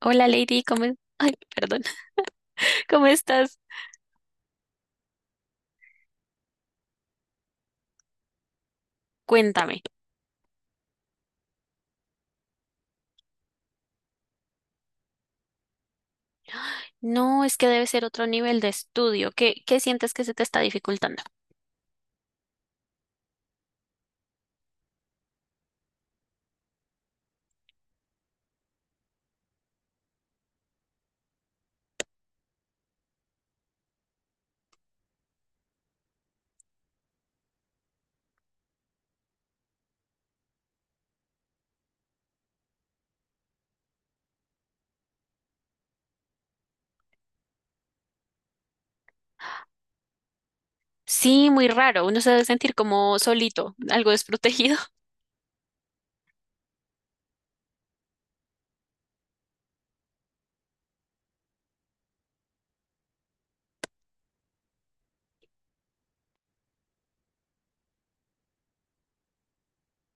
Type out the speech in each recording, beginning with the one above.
Hola Lady, ¿cómo es- Ay, perdón. ¿Cómo estás? Cuéntame. No, es que debe ser otro nivel de estudio. ¿Qué sientes que se te está dificultando? Sí, muy raro. Uno se debe sentir como solito, algo desprotegido.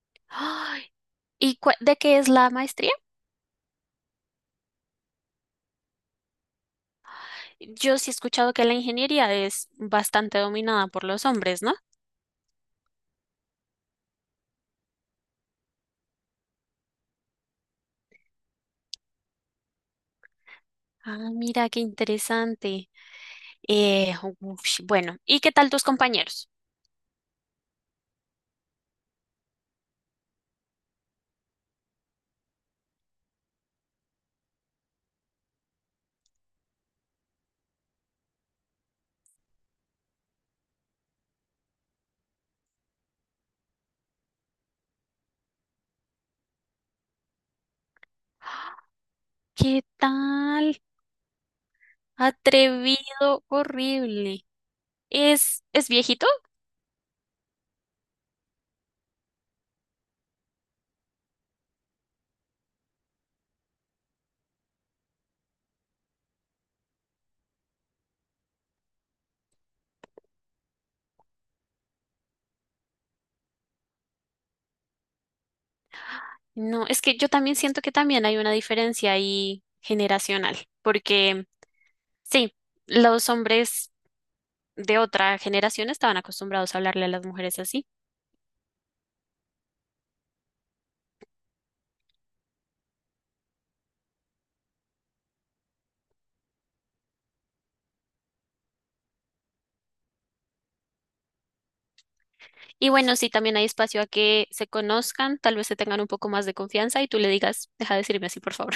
Ay, ¿Y cua- de qué es la maestría? Yo sí he escuchado que la ingeniería es bastante dominada por los hombres, ¿no? Ah, mira, qué interesante. Eh, ush, bueno, ¿y qué tal tus compañeros? ¿Qué tal? Atrevido, horrible. ¿Es viejito? No, es que yo también siento que también hay una diferencia ahí generacional, porque sí, los hombres de otra generación estaban acostumbrados a hablarle a las mujeres así. Y bueno, sí, también hay espacio a que se conozcan, tal vez se tengan un poco más de confianza y tú le digas, deja de decirme así, por favor.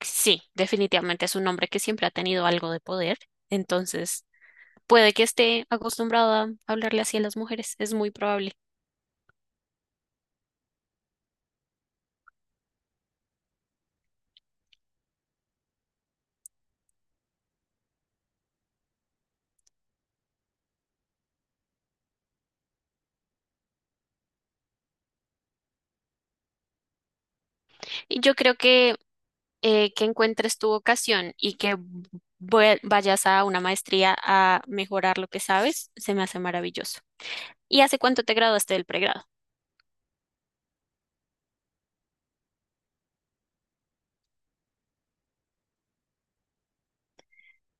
Sí, definitivamente es un hombre que siempre ha tenido algo de poder, entonces puede que esté acostumbrado a hablarle así a las mujeres, es muy probable. Y yo creo que encuentres tu vocación y que vue- vayas a una maestría a mejorar lo que sabes, se me hace maravilloso. ¿Y hace cuánto te graduaste del pregrado?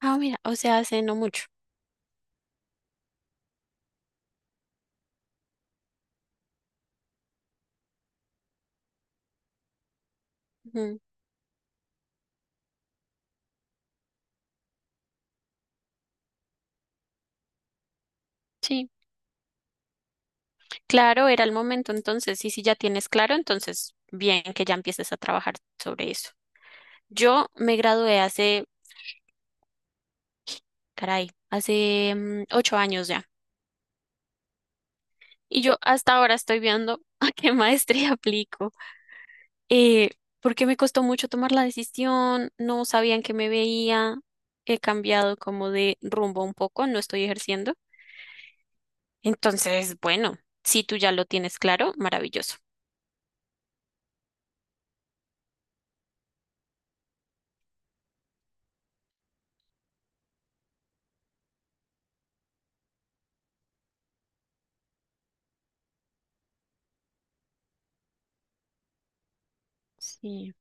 Ah, mira, o sea, hace no mucho. Ujú. Sí, claro, era el momento entonces, y si ya tienes claro, entonces bien que ya empieces a trabajar sobre eso. Yo me gradué hace caray, hace 8 años ya. Y yo hasta ahora estoy viendo a qué maestría aplico. Eh, Porque me costó mucho tomar la decisión, no sabían que me veía, he cambiado como de rumbo un poco, no estoy ejerciendo. Entonces, bueno, si tú ya lo tienes claro, maravilloso. Sí.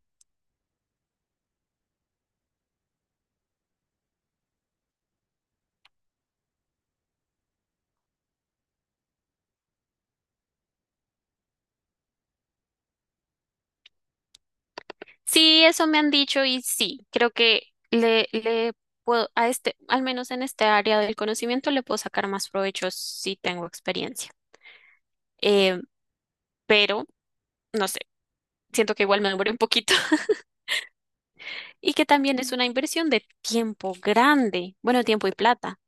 Sí, eso me han dicho y sí, creo que le puedo, a este, al menos en este área del conocimiento, le puedo sacar más provecho si tengo experiencia. Eh, pero, no sé. Siento que igual me demoré un poquito. Y que también es una inversión de tiempo grande, bueno, tiempo y plata.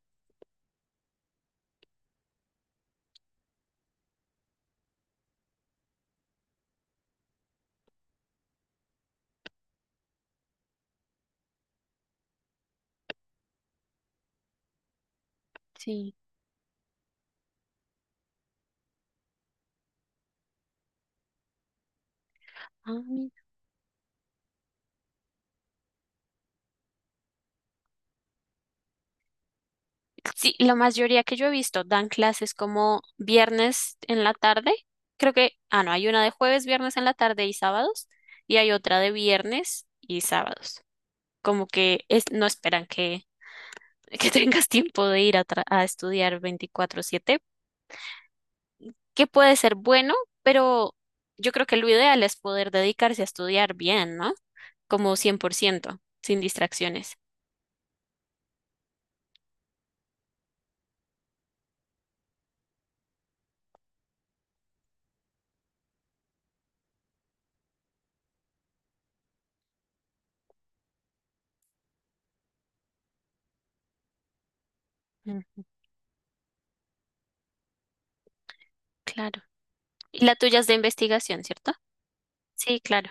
Sí. Ah, mira. Sí, la mayoría que yo he visto dan clases como viernes en la tarde. Creo que, ah, no, hay una de jueves, viernes en la tarde y sábados, y hay otra de viernes y sábados. Como que es, no esperan que que tengas tiempo de ir a, tra- a estudiar 24/7. Que puede ser bueno, pero yo creo que lo ideal es poder dedicarse a estudiar bien, ¿no? Como 100%, sin distracciones. Claro. Y la tuya es de investigación, ¿cierto? Sí, claro.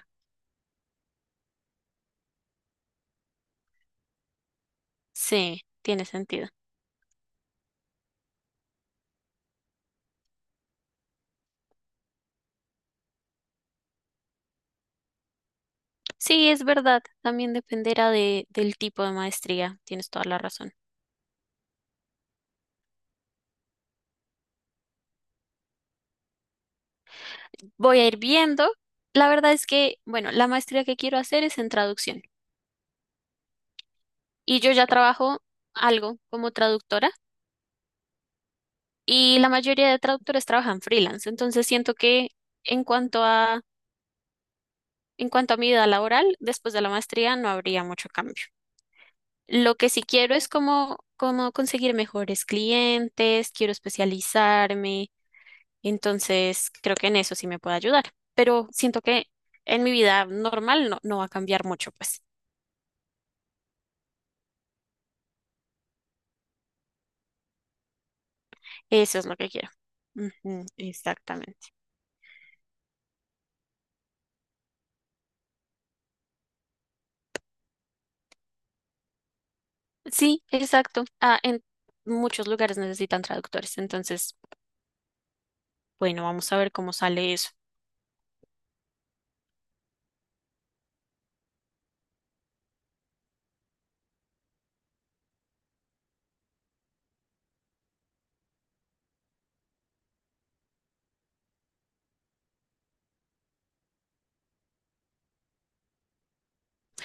Sí, tiene sentido. Sí, es verdad. También dependerá de, del tipo de maestría. Tienes toda la razón. Voy a ir viendo. La verdad es que, bueno, la maestría que quiero hacer es en traducción. Y yo ya trabajo algo como traductora y la mayoría de traductores trabajan freelance. Entonces siento que en cuanto a, en cuanto a mi vida laboral, después de la maestría no habría mucho cambio. Lo que sí quiero es como, como conseguir mejores clientes, quiero especializarme, entonces creo que en eso sí me puede ayudar, pero siento que en mi vida normal no, no va a cambiar mucho, pues eso es lo que quiero. Ujú, exactamente. Sí, exacto. Ah, en muchos lugares necesitan traductores, entonces bueno, vamos a ver cómo sale eso.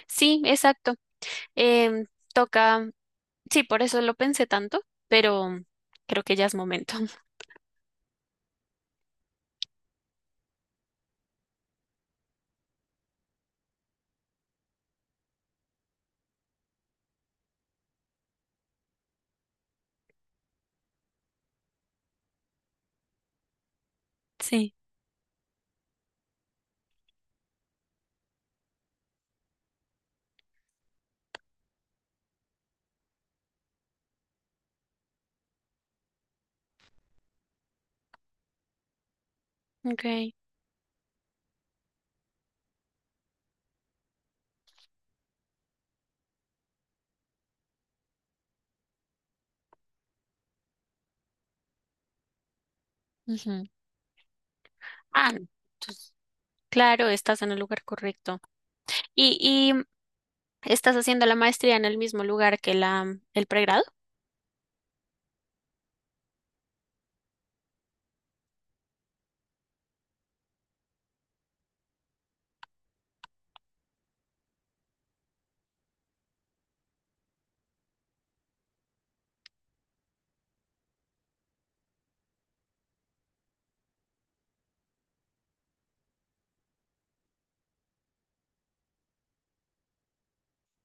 Sí, exacto. Em, Toca, sí, por eso lo pensé tanto, pero creo que ya es momento. Sí, ok. Ujú. Ah, no, entonces, claro, estás en el lugar correcto. Y estás haciendo la maestría en el mismo lugar que la, el pregrado.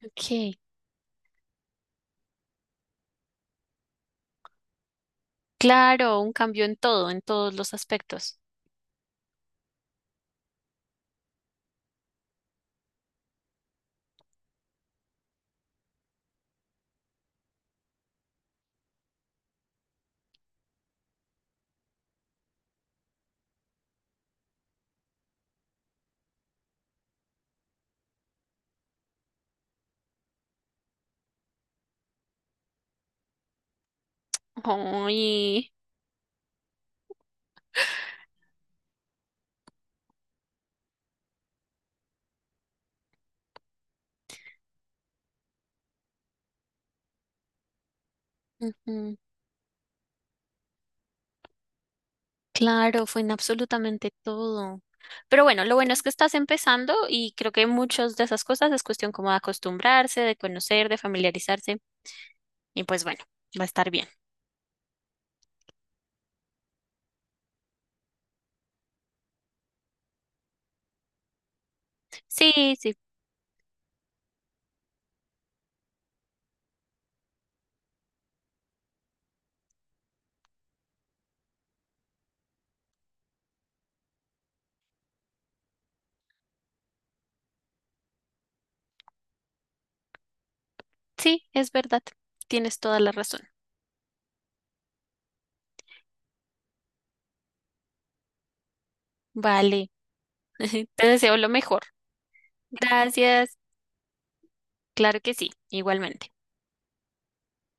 Ok. Claro, un cambio en todo, en todos los aspectos. Ay, ujú. Claro, fue en absolutamente todo. Pero bueno, lo bueno es que estás empezando y creo que muchas de esas cosas es cuestión como de acostumbrarse, de conocer, de familiarizarse y pues bueno, va a estar bien. Sí, sí, sí, es verdad. Tienes toda la razón. Vale. Te deseo lo mejor. Gracias. Claro que sí, igualmente.